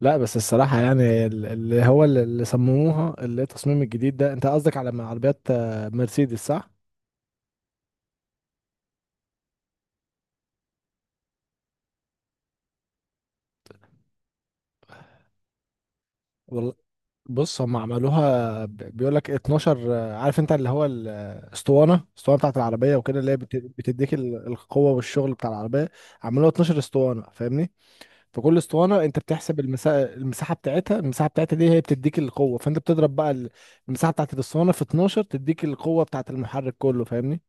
لا بس الصراحة يعني اللي صمموها اللي هي التصميم الجديد ده، انت قصدك على عربيات، مرسيدس، صح؟ والله، بص، هم عملوها بيقول لك 12 عارف، انت اللي هو الاسطوانة، بتاعت العربية وكده، اللي هي بتديك القوة والشغل بتاع العربية. عملوها 12 اسطوانة، فاهمني؟ فكل اسطوانة انت بتحسب المساحة، بتاعتها دي هي بتديك القوة. فانت بتضرب بقى المساحة بتاعت الاسطوانة في 12، تديك القوة بتاعت المحرك كله، فاهمني؟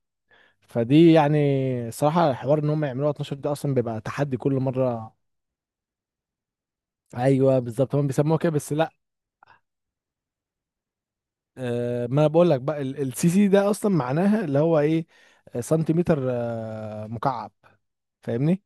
فدي يعني صراحة، الحوار ان هم يعملوها 12 ده اصلا بيبقى تحدي كل مرة. ايوه بالظبط، هم بيسموها كده، بس لا. آه، ما انا بقول لك بقى السي سي ده اصلا معناها اللي هو ايه. سنتيمتر مكعب، فاهمني.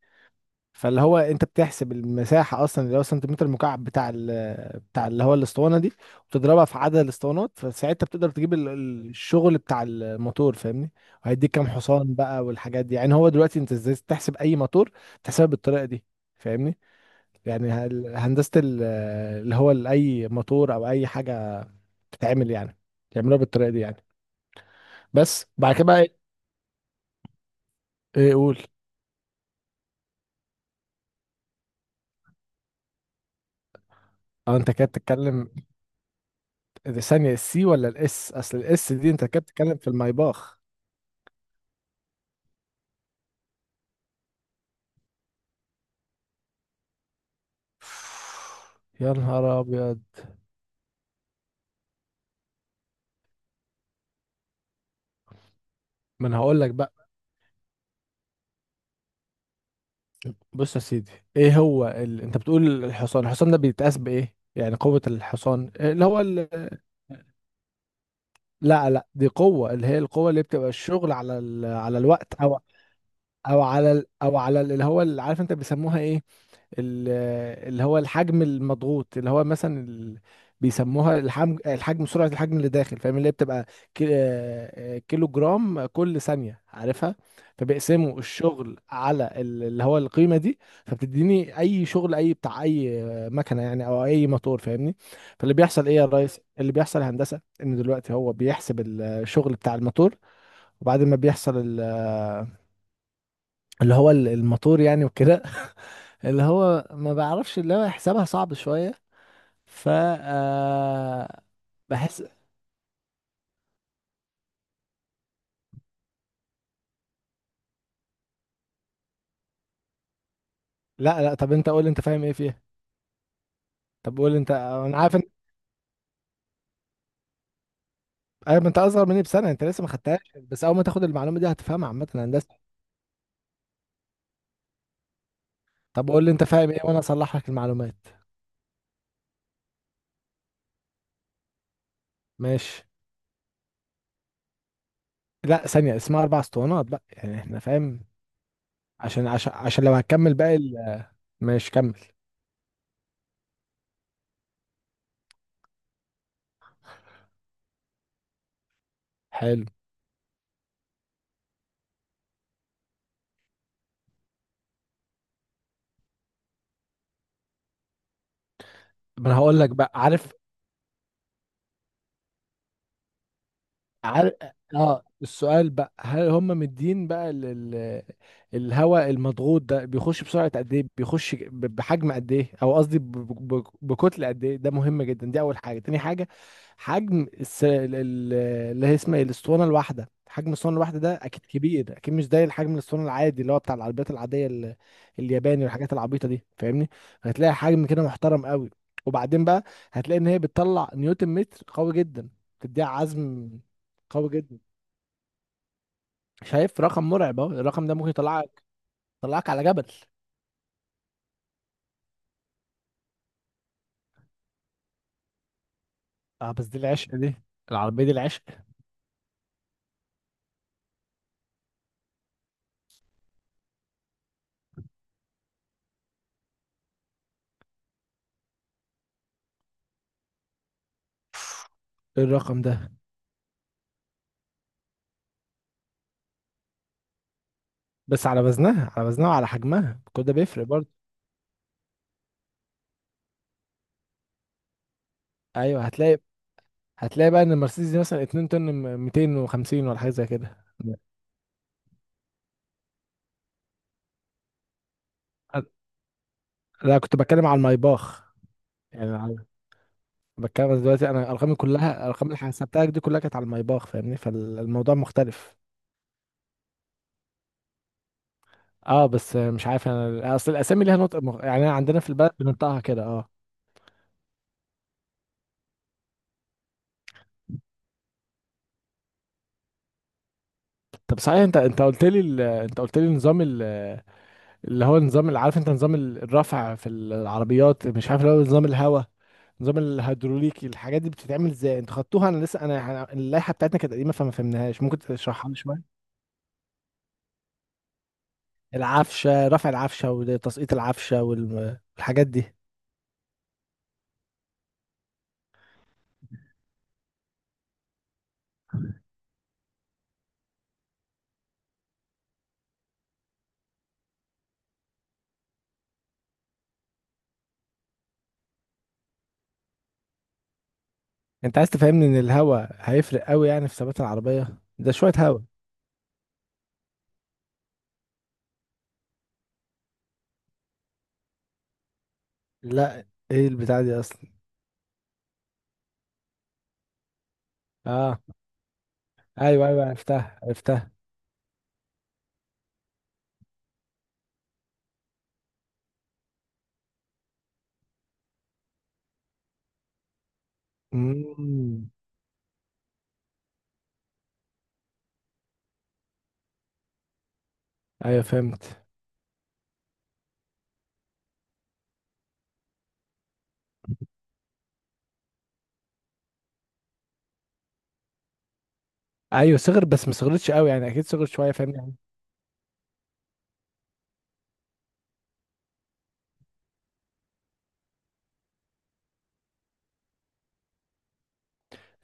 فاللي هو انت بتحسب المساحة اصلا، اللي هو سنتيمتر مكعب بتاع ال بتاع اللي هو الاسطوانة دي، وتضربها في عدد الاسطوانات، فساعتها بتقدر تجيب الشغل بتاع الموتور، فاهمني. وهيديك كام حصان بقى والحاجات دي. يعني هو دلوقتي انت ازاي تحسب اي موتور؟ تحسبها بالطريقة دي، فاهمني. يعني هندسة أي موتور أو أي حاجة بتتعمل، يعني بيعملوها بالطريقة دي يعني. بس بعد كده بقى إيه؟ إيه، قول. أه، أنت كده بتتكلم دي ثانية السي ولا الإس، أصل الإس دي أنت كده بتتكلم في الميباخ. يا نهار أبيض. ما أنا هقول لك بقى، بص يا سيدي، إيه هو، أنت بتقول الحصان، ده بيتقاس بإيه؟ يعني قوة الحصان اللي هو ال... لا لا، دي قوة، اللي هي القوة اللي بتبقى الشغل على ال... على الوقت، أو اللي هو اللي، عارف انت بيسموها ايه، ال- اللي هو الحجم المضغوط، اللي هو مثلا ال... بيسموها الحجم، سرعة الحجم اللي داخل، فاهم، اللي هي بتبقى كيلو جرام كل ثانية، عارفها. فبيقسموا الشغل على اللي هو القيمة دي. فبتديني اي شغل، اي بتاع، اي مكنة يعني او اي موتور، فاهمني. فاللي بيحصل ايه يا ريس، اللي بيحصل يا هندسة، ان دلوقتي هو بيحسب الشغل بتاع الموتور. وبعد ما بيحصل اللي هو الموتور يعني وكده، اللي هو ما بعرفش، اللي هو حسابها صعب شوية. ف آه، بحس. لا لا، طب انت قول لي انت فاهم ايه فيها. طب قول لي انت، انا عارف انت، عارف، انت اصغر مني بسنة، انت لسه ما خدتهاش، بس اول ما تاخد المعلومة دي هتفهمها، عامة هندسة. طب قول لي انت فاهم ايه وانا اصلح لك المعلومات. ماشي. لا ثانية، اسمها اربع اسطوانات بقى يعني، احنا فاهم. عشان لو هتكمل باقي ماشي، كمل. حلو. ما انا هقول لك بقى، عارف. عار... اه، السؤال بقى، هل هم مدين بقى لل... الهواء المضغوط ده، بيخش بسرعة قد ايه، بيخش بحجم قد ايه، او قصدي بكتلة قد ايه. ده مهم جدا، دي اول حاجة. تاني حاجة، حجم الس... ال- ال- اللي هي اسمها إيه؟ الاسطوانة الواحدة، حجم الاسطوانة الواحدة ده اكيد كبير، اكيد مش زي الحجم الاسطوانة العادي اللي هو بتاع العربيات العادية، ال... الياباني والحاجات العبيطة دي، فاهمني. هتلاقي حجم كده محترم قوي. وبعدين بقى، هتلاقي ان هي بتطلع نيوتن متر قوي جدا، تديها عزم قوي جدا. شايف رقم مرعب اهو، الرقم ده ممكن يطلعك، يطلعك على جبل. اه بس دي العشق، دي العربية دي العشق. إيه الرقم ده؟ بس على وزنها، على وزنها وعلى حجمها، كل ده بيفرق برضه. ايوه، هتلاقي، بقى ان المرسيدس دي مثلا 2 طن 250 ولا حاجة زي كده، لا. لا، كنت بتكلم على المايباخ، يعني بتكلم دلوقتي، انا ارقامي كلها، الارقام اللي حسبتها دي كلها كانت على المايباخ، فاهمني، فالموضوع مختلف. اه، بس مش عارف انا، اصل الاسامي ليها نطق يعني، عندنا في البلد بننطقها كده. اه. طب صحيح، انت قلت لي ال... انت قلت لي نظام ال... اللي هو نظام، اللي عارف انت، نظام الرفع في العربيات. مش عارف، اللي هو نظام الهواء، نظام الهيدروليكي، الحاجات دي بتتعمل ازاي؟ انتوا خدتوها؟ انا لسه، اللائحه بتاعتنا كانت قديمه، فما فهمناهاش، ممكن تشرحها لي شويه. العفشه، رفع العفشه وتسقيط العفشه والحاجات دي. انت عايز تفهمني ان الهواء هيفرق قوي يعني في ثبات العربيه، ده شويه هواء؟ لا، ايه البتاع دي اصلا؟ اه، ايوه ايوه، عرفتها عرفتها. امم. ايوه فهمت. ايوه صغر، بس ما صغرتش قوي يعني، اكيد صغرت شويه، فاهم يعني.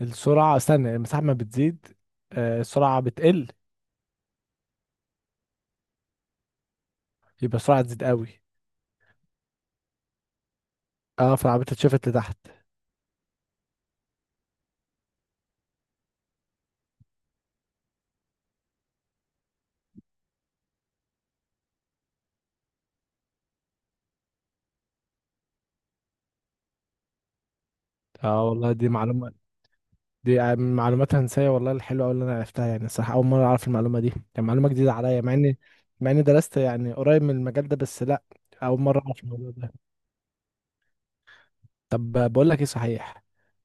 السرعه استنى، المساحه ما بتزيد، السرعه بتقل. يبقى السرعه تزيد قوي. اه، فالعربية اتشفت لتحت. اه والله، دي معلومه، دي من معلومات هندسيه والله الحلوه قوي اللي انا عرفتها يعني، الصراحه اول مره اعرف المعلومه دي، كان معلومه جديده عليا، مع اني، درست يعني قريب من المجال ده، بس لا. اول مره اعرف الموضوع ده. طب بقول لك ايه، صحيح،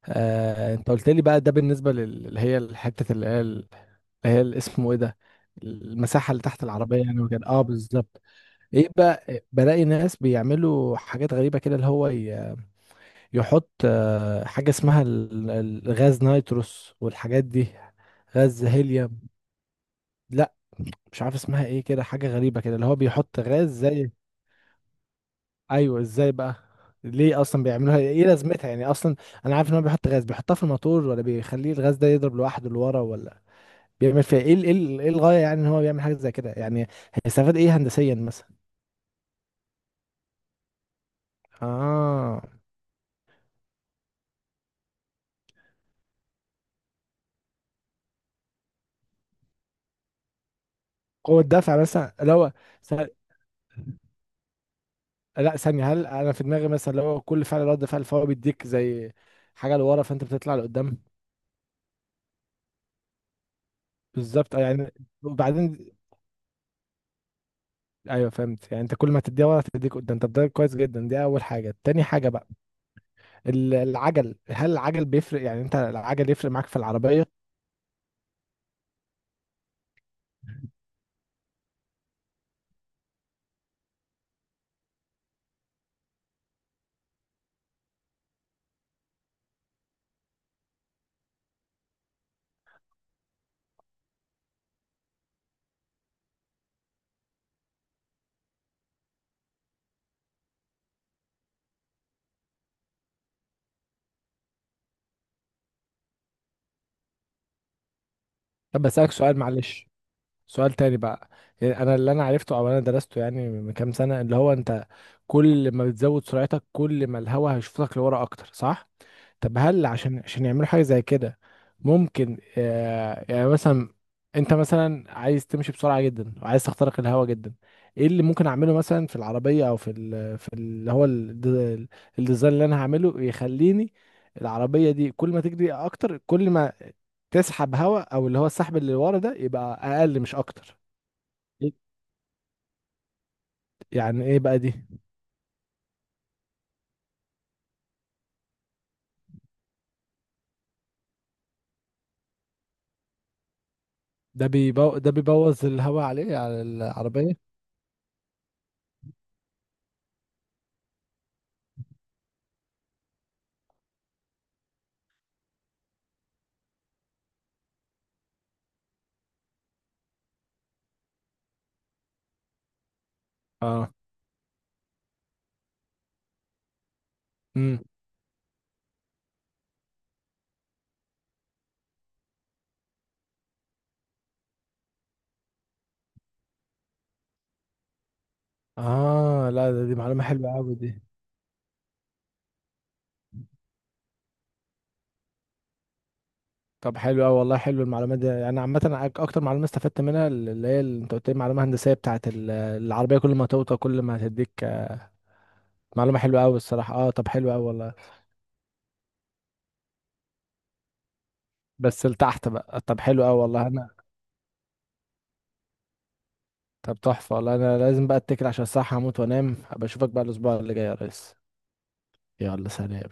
انت قلت لي بقى ده بالنسبه اللي هي الحته اللي هي اسمه ايه ده، المساحه اللي تحت العربيه يعني وكده، اه بالظبط. ايه بقى، بلاقي ناس بيعملوا حاجات غريبة كده، اللي هو يحط حاجة اسمها غاز نيتروس والحاجات دي، غاز هيليوم. لا، مش عارف اسمها ايه كده، حاجة غريبة كده، اللي هو بيحط غاز زي. ايوه، ازاي بقى؟ ليه اصلا بيعملوها؟ ايه لازمتها يعني اصلا؟ انا عارف ان هو بيحط غاز، بيحطها في الموتور، ولا بيخليه الغاز ده يضرب لوحده لورا، ولا بيعمل فيها ايه، إيه الغاية يعني ان هو بيعمل حاجة زي كده يعني، هيستفاد ايه هندسيا مثلا؟ اه قوة دفع مثلا، اللي هو. لا ثانية، هل انا في دماغي مثلا، لو كل فعل رد فعل، فهو بيديك زي حاجة لورا، فانت بتطلع لقدام. بالظبط يعني، وبعدين، ايوه فهمت يعني، انت كل ما تديها ورا تديك قدام. طب ده كويس جدا، دي اول حاجة. تاني حاجة بقى، العجل، هل العجل بيفرق يعني، انت العجل يفرق معاك في العربية؟ طب بسألك سؤال معلش، سؤال تاني بقى، يعني انا اللي انا عرفته او انا درسته يعني من كام سنة، اللي هو انت كل ما بتزود سرعتك، كل ما الهوا هيشوفك لورا اكتر، صح؟ طب هل عشان يعملوا حاجة زي كده، ممكن يعني مثلا، انت مثلا عايز تمشي بسرعة جدا، وعايز تخترق الهواء جدا، ايه اللي ممكن اعمله مثلا في العربية، او في ال في اللي هو الديزاين اللي انا هعمله، يخليني العربية دي كل ما تجري اكتر، كل ما تسحب هواء، او اللي هو السحب اللي ورا ده يبقى اقل مش اكتر. إيه- يعني ايه بقى دي؟ ده بيبوظ الهواء عليه على العربية. اه، امم. اه، لا، ده دي معلومة حلوة قوي دي. طب حلو أوي والله، حلو المعلومات دي يعني، عامة أنا أكتر معلومة استفدت منها، اللي هي اللي أنت قلت لي، معلومة هندسية بتاعة العربية، كل ما توطى كل ما هتديك، معلومة حلوة أوي الصراحة. أه، طب حلو أوي والله. بس لتحت بقى، طب حلو أوي والله أنا. طب تحفة والله، أنا لازم بقى أتكل عشان الصحة، هموت وأنام، أبقى أشوفك بقى الأسبوع اللي جاي يا ريس. يلا، سلام.